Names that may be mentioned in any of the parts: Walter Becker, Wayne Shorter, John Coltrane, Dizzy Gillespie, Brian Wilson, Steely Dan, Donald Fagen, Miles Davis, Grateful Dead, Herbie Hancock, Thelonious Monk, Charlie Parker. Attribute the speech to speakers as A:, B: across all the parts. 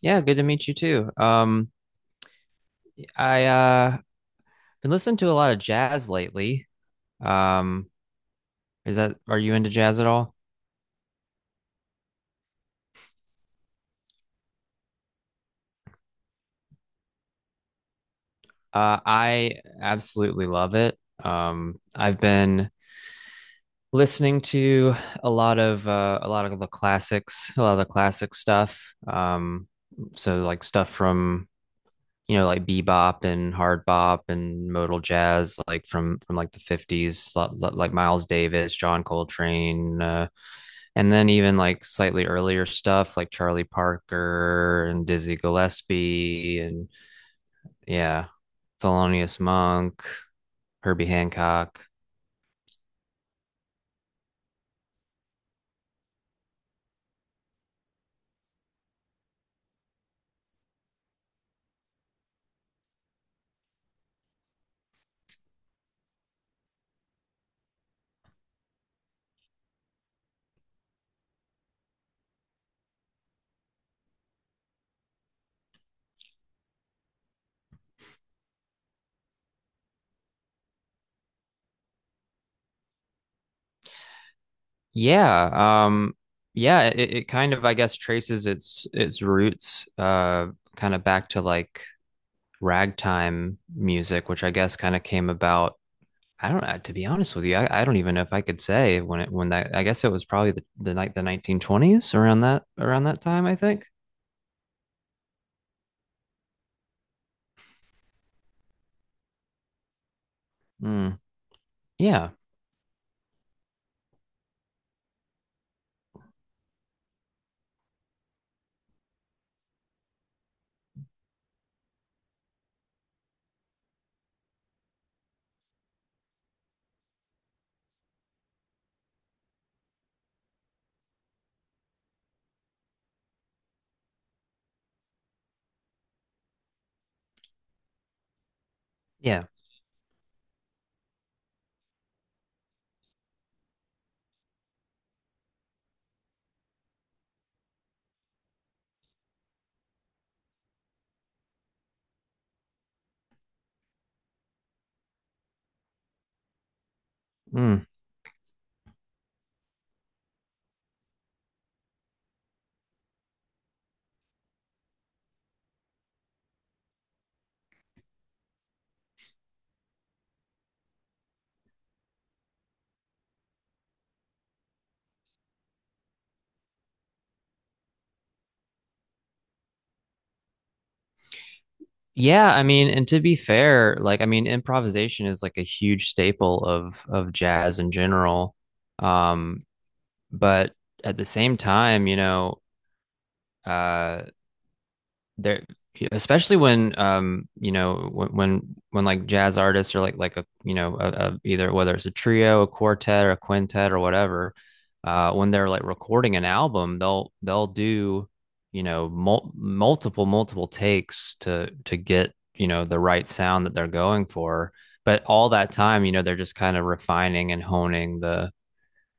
A: Yeah, good to meet you too. I been listening to a lot of jazz lately. Um, is that are you into jazz at all? I absolutely love it. I've been listening to a lot of the classics, a lot of the classic stuff. So like stuff from you know like bebop and hard bop and modal jazz, like from like the 50s, like Miles Davis, John Coltrane, and then even like slightly earlier stuff like Charlie Parker and Dizzy Gillespie and yeah, Thelonious Monk, Herbie Hancock. Yeah, um yeah, it kind of I guess traces its roots kind of back to like ragtime music, which I guess kind of came about I don't know, to be honest with you, I don't even know if I could say when it when that I guess it was probably the 1920s around that time, I think. Mm, yeah. Yeah. Mm. Yeah, I mean, and to be fair, like I mean, improvisation is like a huge staple of jazz in general. Um, but at the same time, you know, uh there especially when you know when like jazz artists are like a you know a, either whether it's a trio, a quartet, or a quintet or whatever, uh, when they're like recording an album, they'll do you know multiple takes to get you know the right sound that they're going for, but all that time you know they're just kind of refining and honing the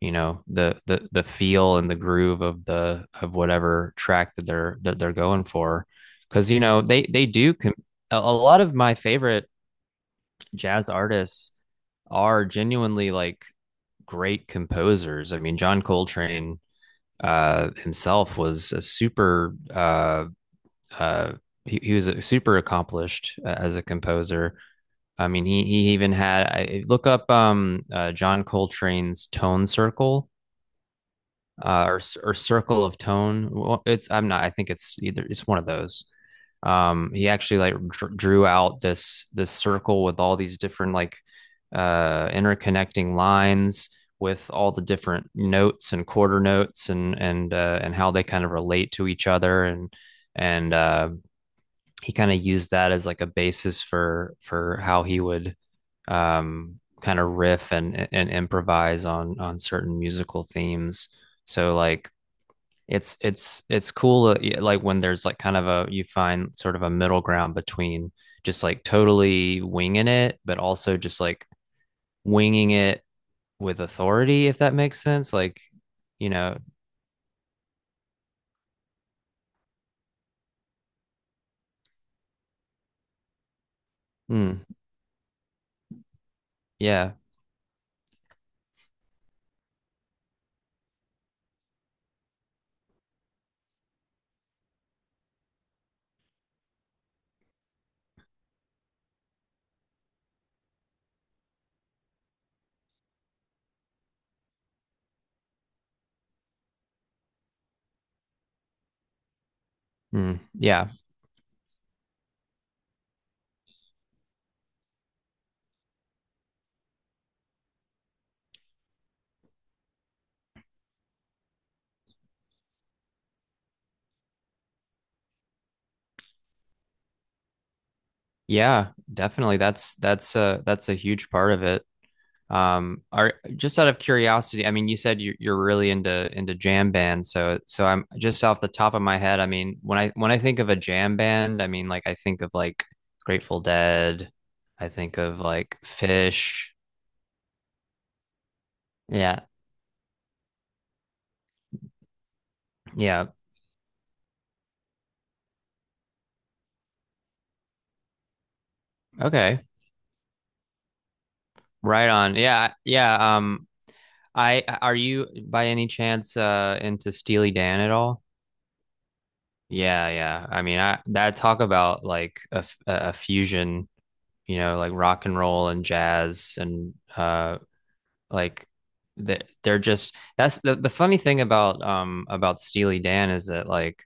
A: you know the feel and the groove of the of whatever track that they're going for, because you know they do a lot of my favorite jazz artists are genuinely like great composers. I mean, John Coltrane himself was a super uh he, was a super accomplished as a composer. I mean, he even had, I look up John Coltrane's tone circle, or or circle of tone. Well, it's I'm not. I think it's either, it's one of those. He actually like drew out this this circle with all these different like interconnecting lines with all the different notes and quarter notes and and how they kind of relate to each other and and uh, he kind of used that as like a basis for how he would kind of riff and improvise on certain musical themes. So like it's cool, yeah, like when there's like kind of a you find sort of a middle ground between just like totally winging it, but also just like winging it with authority, if that makes sense. Like you know, mm, yeah. mm, yeah yeah, definitely, that's that's a huge part of it. Are just out of curiosity, I mean, you said you're really into jam bands, so so I'm just off the top of my head. I mean, when I think of a jam band, I mean, like I think of like Grateful Dead, I think of like Fish. Yeah, yeah, okay, right on. Yeah, yeah. I are you by any chance into Steely Dan at all? Yeah, yeah. I mean, I that talk about like a a fusion, you know, like rock and roll and jazz and like they they're just that's the funny thing about Steely Dan is that like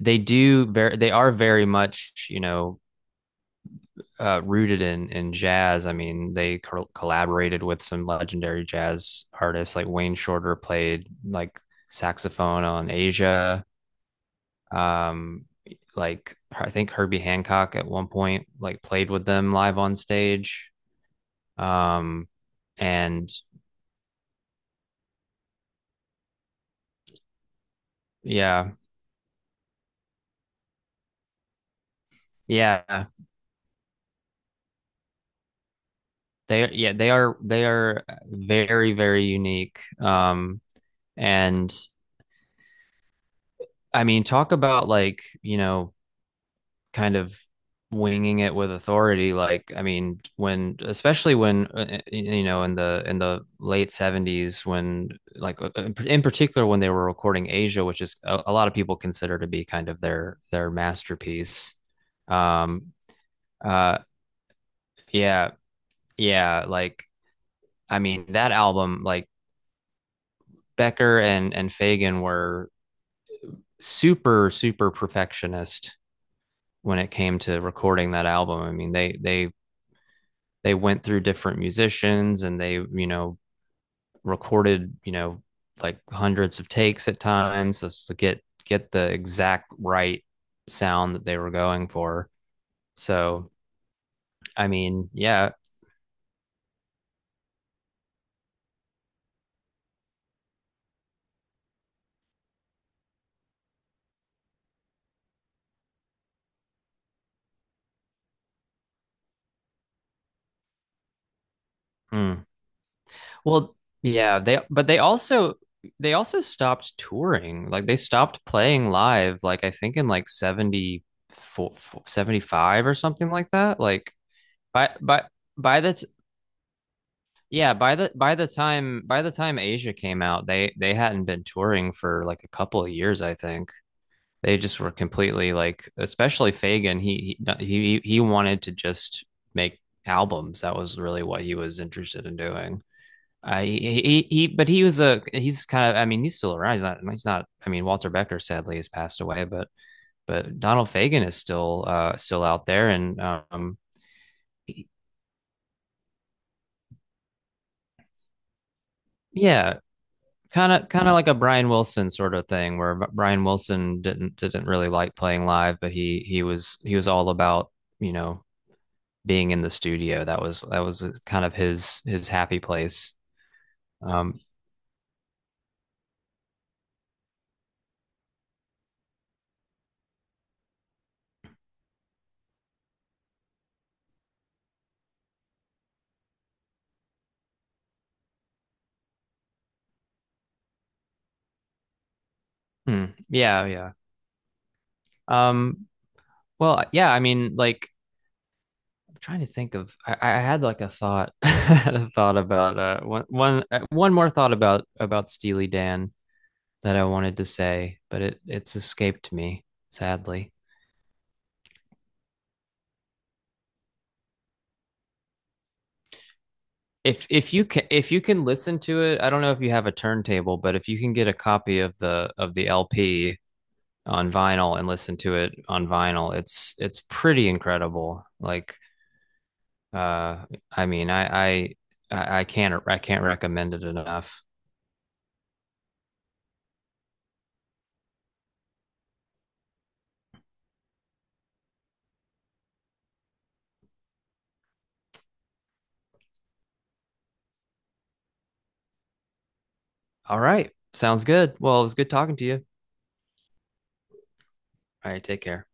A: they do very they are very much, you know, rooted in jazz. I mean, they collaborated with some legendary jazz artists. Like Wayne Shorter played like saxophone on Asia. Um, like I think Herbie Hancock at one point like played with them live on stage. Um, and yeah, yeah, yeah they are very very unique. And I mean, talk about like you know kind of winging it with authority. Like I mean when especially when you know in the late 70s when in particular when they were recording Asia, which is a lot of people consider to be kind of their masterpiece. um uh yeah yeah like I mean, that album, like Becker and Fagan were super perfectionist when it came to recording that album. I mean, they they went through different musicians and they you know recorded you know like hundreds of takes at times just to get the exact right sound that they were going for. So I mean, yeah. Mm. Well, yeah, they but they also stopped touring. Like they stopped playing live, like I think in like 74 75 or something like that. Like by by by the t- yeah, by the time Asia came out, they hadn't been touring for like a couple of years, I think. They just were completely like especially Fagan, he wanted to just make albums. That was really what he was interested in doing. He but he was a he's kind of, I mean, he's still around. He's not I mean, Walter Becker sadly has passed away, but Donald Fagen is still still out there. And he- yeah, kind of like a Brian Wilson sort of thing, where Brian Wilson didn't really like playing live, but he was all about you know being in the studio. That was that was kind of his happy place. um yeah, yeah. um yeah I mean like I'm trying to think of, I had like a thought I had a thought about one more thought about Steely Dan that I wanted to say, but it it's escaped me, sadly. If you can listen to it, I don't know if you have a turntable, but if you can get a copy of the LP on vinyl and listen to it on vinyl, it's pretty incredible. Like uh I mean, I can't recommend it enough. All right. Sounds good. Well, it was good talking to you. All right, take care.